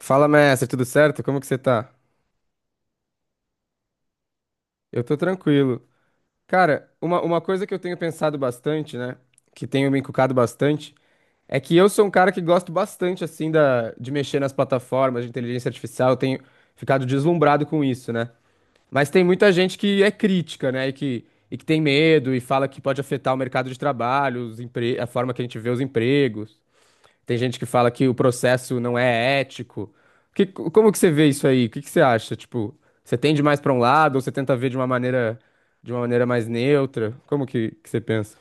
Fala, mestre, tudo certo? Como que você tá? Eu tô tranquilo. Cara, uma coisa que eu tenho pensado bastante, né? Que tenho me encucado bastante, é que eu sou um cara que gosto bastante, assim, de mexer nas plataformas de inteligência artificial. Eu tenho ficado deslumbrado com isso, né? Mas tem muita gente que é crítica, né? E que tem medo e fala que pode afetar o mercado de trabalho, a forma que a gente vê os empregos. Tem gente que fala que o processo não é ético. Que, como que você vê isso aí? O que que você acha? Tipo, você tende mais pra um lado ou você tenta ver de uma de uma maneira mais neutra? Que você pensa?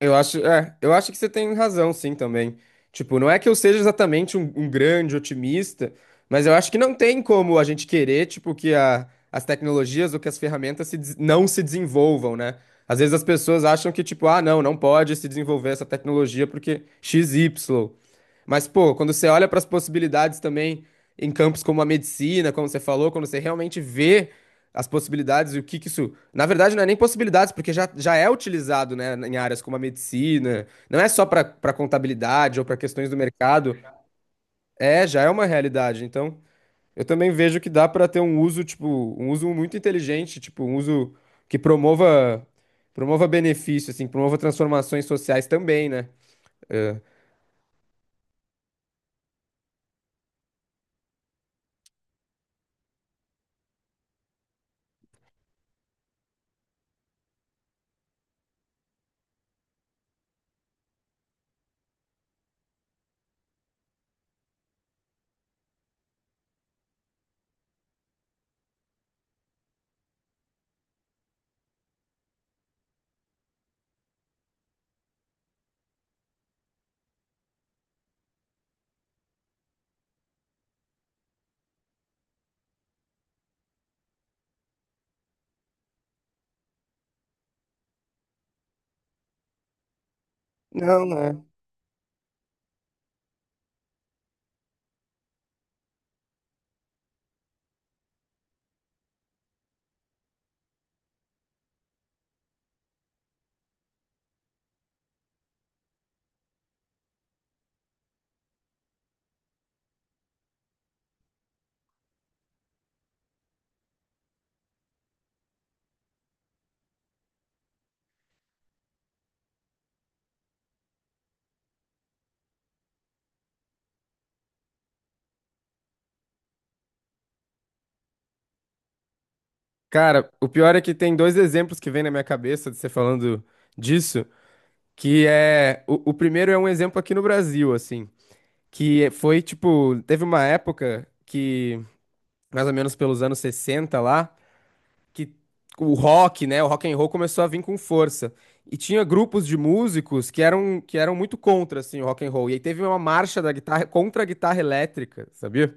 Eu eu acho que você tem razão, sim, também. Tipo, não é que eu seja exatamente um grande otimista, mas eu acho que não tem como a gente querer, tipo, as tecnologias ou que as ferramentas se des- não se desenvolvam, né? Às vezes as pessoas acham que, tipo, ah, não, não pode se desenvolver essa tecnologia porque x y. Mas, pô, quando você olha para as possibilidades também em campos como a medicina, como você falou, quando você realmente vê as possibilidades e o que que isso. Na verdade, não é nem possibilidades, porque já é utilizado, né, em áreas como a medicina. Não é só para para contabilidade ou para questões do mercado. É, já é uma realidade. Então, eu também vejo que dá para ter um uso, tipo, um uso muito inteligente, tipo, um uso que promova. Promova benefício, assim, promova transformações sociais também, né? Não, né? Cara, o pior é que tem dois exemplos que vem na minha cabeça de você falando disso, que é o primeiro é um exemplo aqui no Brasil, assim, foi tipo, teve uma época que mais ou menos pelos anos 60 lá, que o rock, né, o rock and roll começou a vir com força. E tinha grupos de músicos que eram muito contra assim o rock and roll. E aí teve uma marcha da guitarra contra a guitarra elétrica, sabia?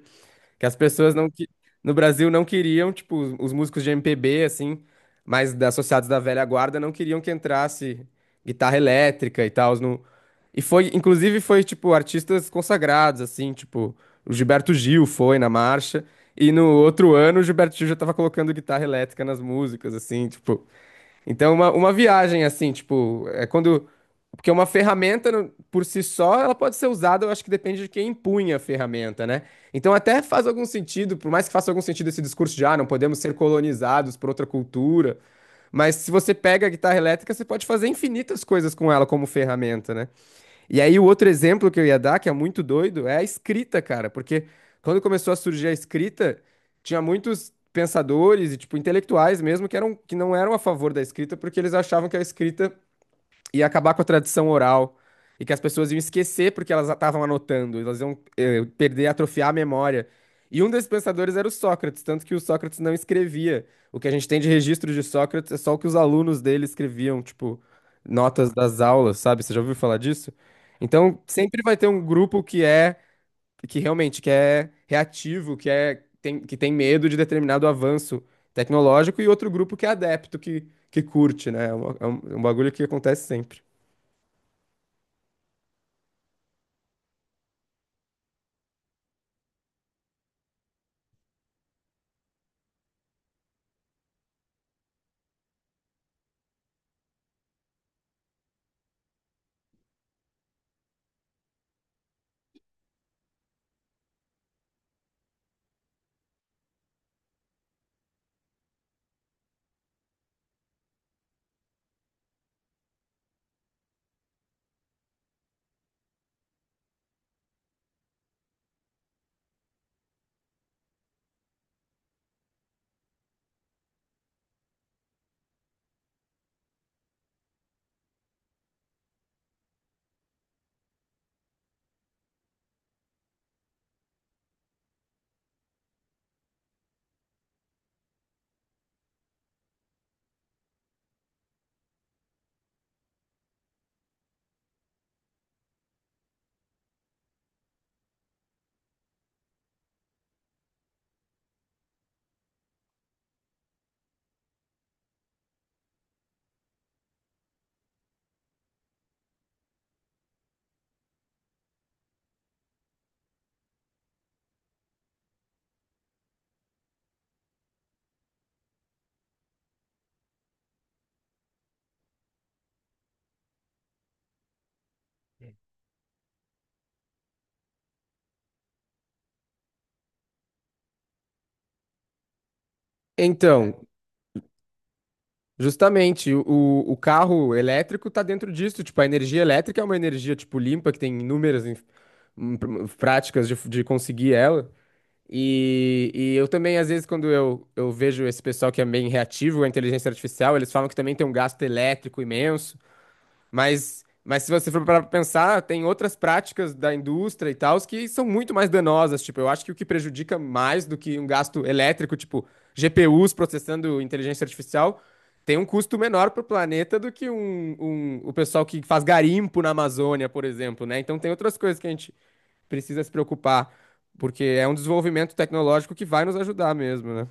Que as pessoas não que no Brasil não queriam, tipo, os músicos de MPB assim, associados da velha guarda não queriam que entrasse guitarra elétrica e tal no. E foi, inclusive foi tipo artistas consagrados assim, tipo, o Gilberto Gil foi na marcha e no outro ano o Gilberto Gil já tava colocando guitarra elétrica nas músicas assim, tipo. Então uma viagem assim, tipo, é quando porque uma ferramenta por si só, ela pode ser usada, eu acho que depende de quem empunha a ferramenta, né? Então até faz algum sentido, por mais que faça algum sentido esse discurso de, ah, não podemos ser colonizados por outra cultura, mas se você pega a guitarra elétrica, você pode fazer infinitas coisas com ela como ferramenta, né? E aí o outro exemplo que eu ia dar, que é muito doido, é a escrita, cara, porque quando começou a surgir a escrita, tinha muitos pensadores e tipo intelectuais mesmo que não eram a favor da escrita porque eles achavam que a escrita ia acabar com a tradição oral e que as pessoas iam esquecer porque elas estavam anotando, elas iam perder, atrofiar a memória. E um desses pensadores era o Sócrates, tanto que o Sócrates não escrevia. O que a gente tem de registro de Sócrates é só o que os alunos dele escreviam, tipo, notas das aulas, sabe? Você já ouviu falar disso? Então, sempre vai ter um grupo que realmente que é reativo, que tem medo de determinado avanço tecnológico e outro grupo que é adepto, que curte, né? É é um bagulho que acontece sempre. Então, justamente, o carro elétrico tá dentro disso. Tipo, a energia elétrica é uma energia, tipo, limpa, que tem inúmeras práticas de conseguir ela. E eu também, às vezes, quando eu vejo esse pessoal que é meio reativo à inteligência artificial, eles falam que também tem um gasto elétrico imenso. Mas se você for para pensar, tem outras práticas da indústria e tal que são muito mais danosas. Tipo, eu acho que o que prejudica mais do que um gasto elétrico, tipo GPUs processando inteligência artificial, tem um custo menor para o planeta do que o pessoal que faz garimpo na Amazônia, por exemplo, né? Então tem outras coisas que a gente precisa se preocupar, porque é um desenvolvimento tecnológico que vai nos ajudar mesmo, né?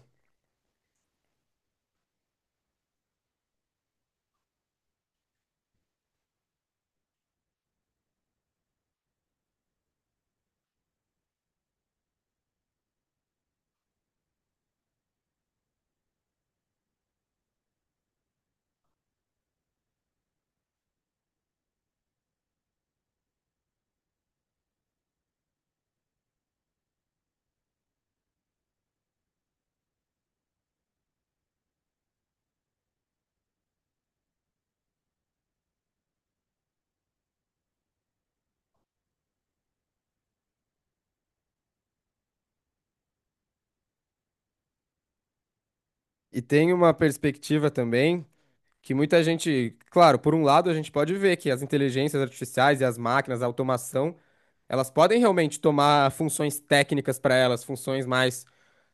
E tem uma perspectiva também que muita gente, claro, por um lado a gente pode ver que as inteligências artificiais e as máquinas, a automação, elas podem realmente tomar funções técnicas para elas, funções mais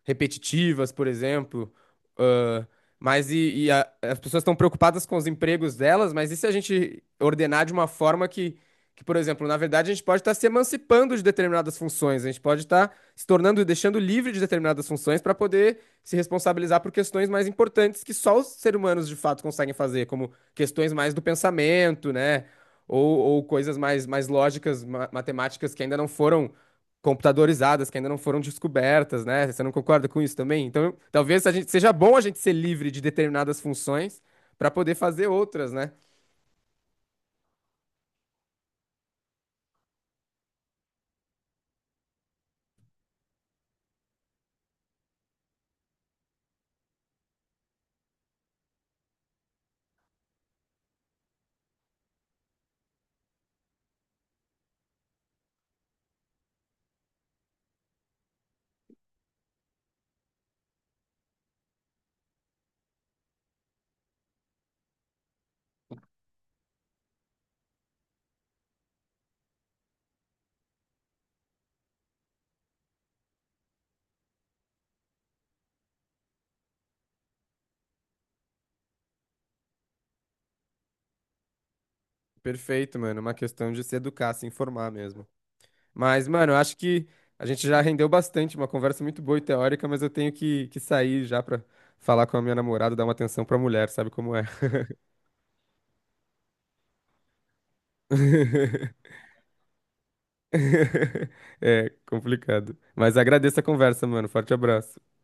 repetitivas, por exemplo. ãh, mas e as pessoas estão preocupadas com os empregos delas, mas e se a gente ordenar de uma forma que, por exemplo, na verdade a gente pode estar se emancipando de determinadas funções, a gente pode estar se tornando e deixando livre de determinadas funções para poder se responsabilizar por questões mais importantes que só os seres humanos de fato conseguem fazer, como questões mais do pensamento, né? Ou coisas mais, mais lógicas, matemáticas que ainda não foram computadorizadas, que ainda não foram descobertas, né? Você não concorda com isso também? Então, seja bom a gente ser livre de determinadas funções para poder fazer outras, né? Perfeito, mano. É uma questão de se educar, se informar mesmo. Mas, mano, eu acho que a gente já rendeu bastante, uma conversa muito boa e teórica, mas eu tenho que sair já pra falar com a minha namorada, dar uma atenção pra mulher, sabe como é? É complicado. Mas agradeço a conversa, mano. Forte abraço.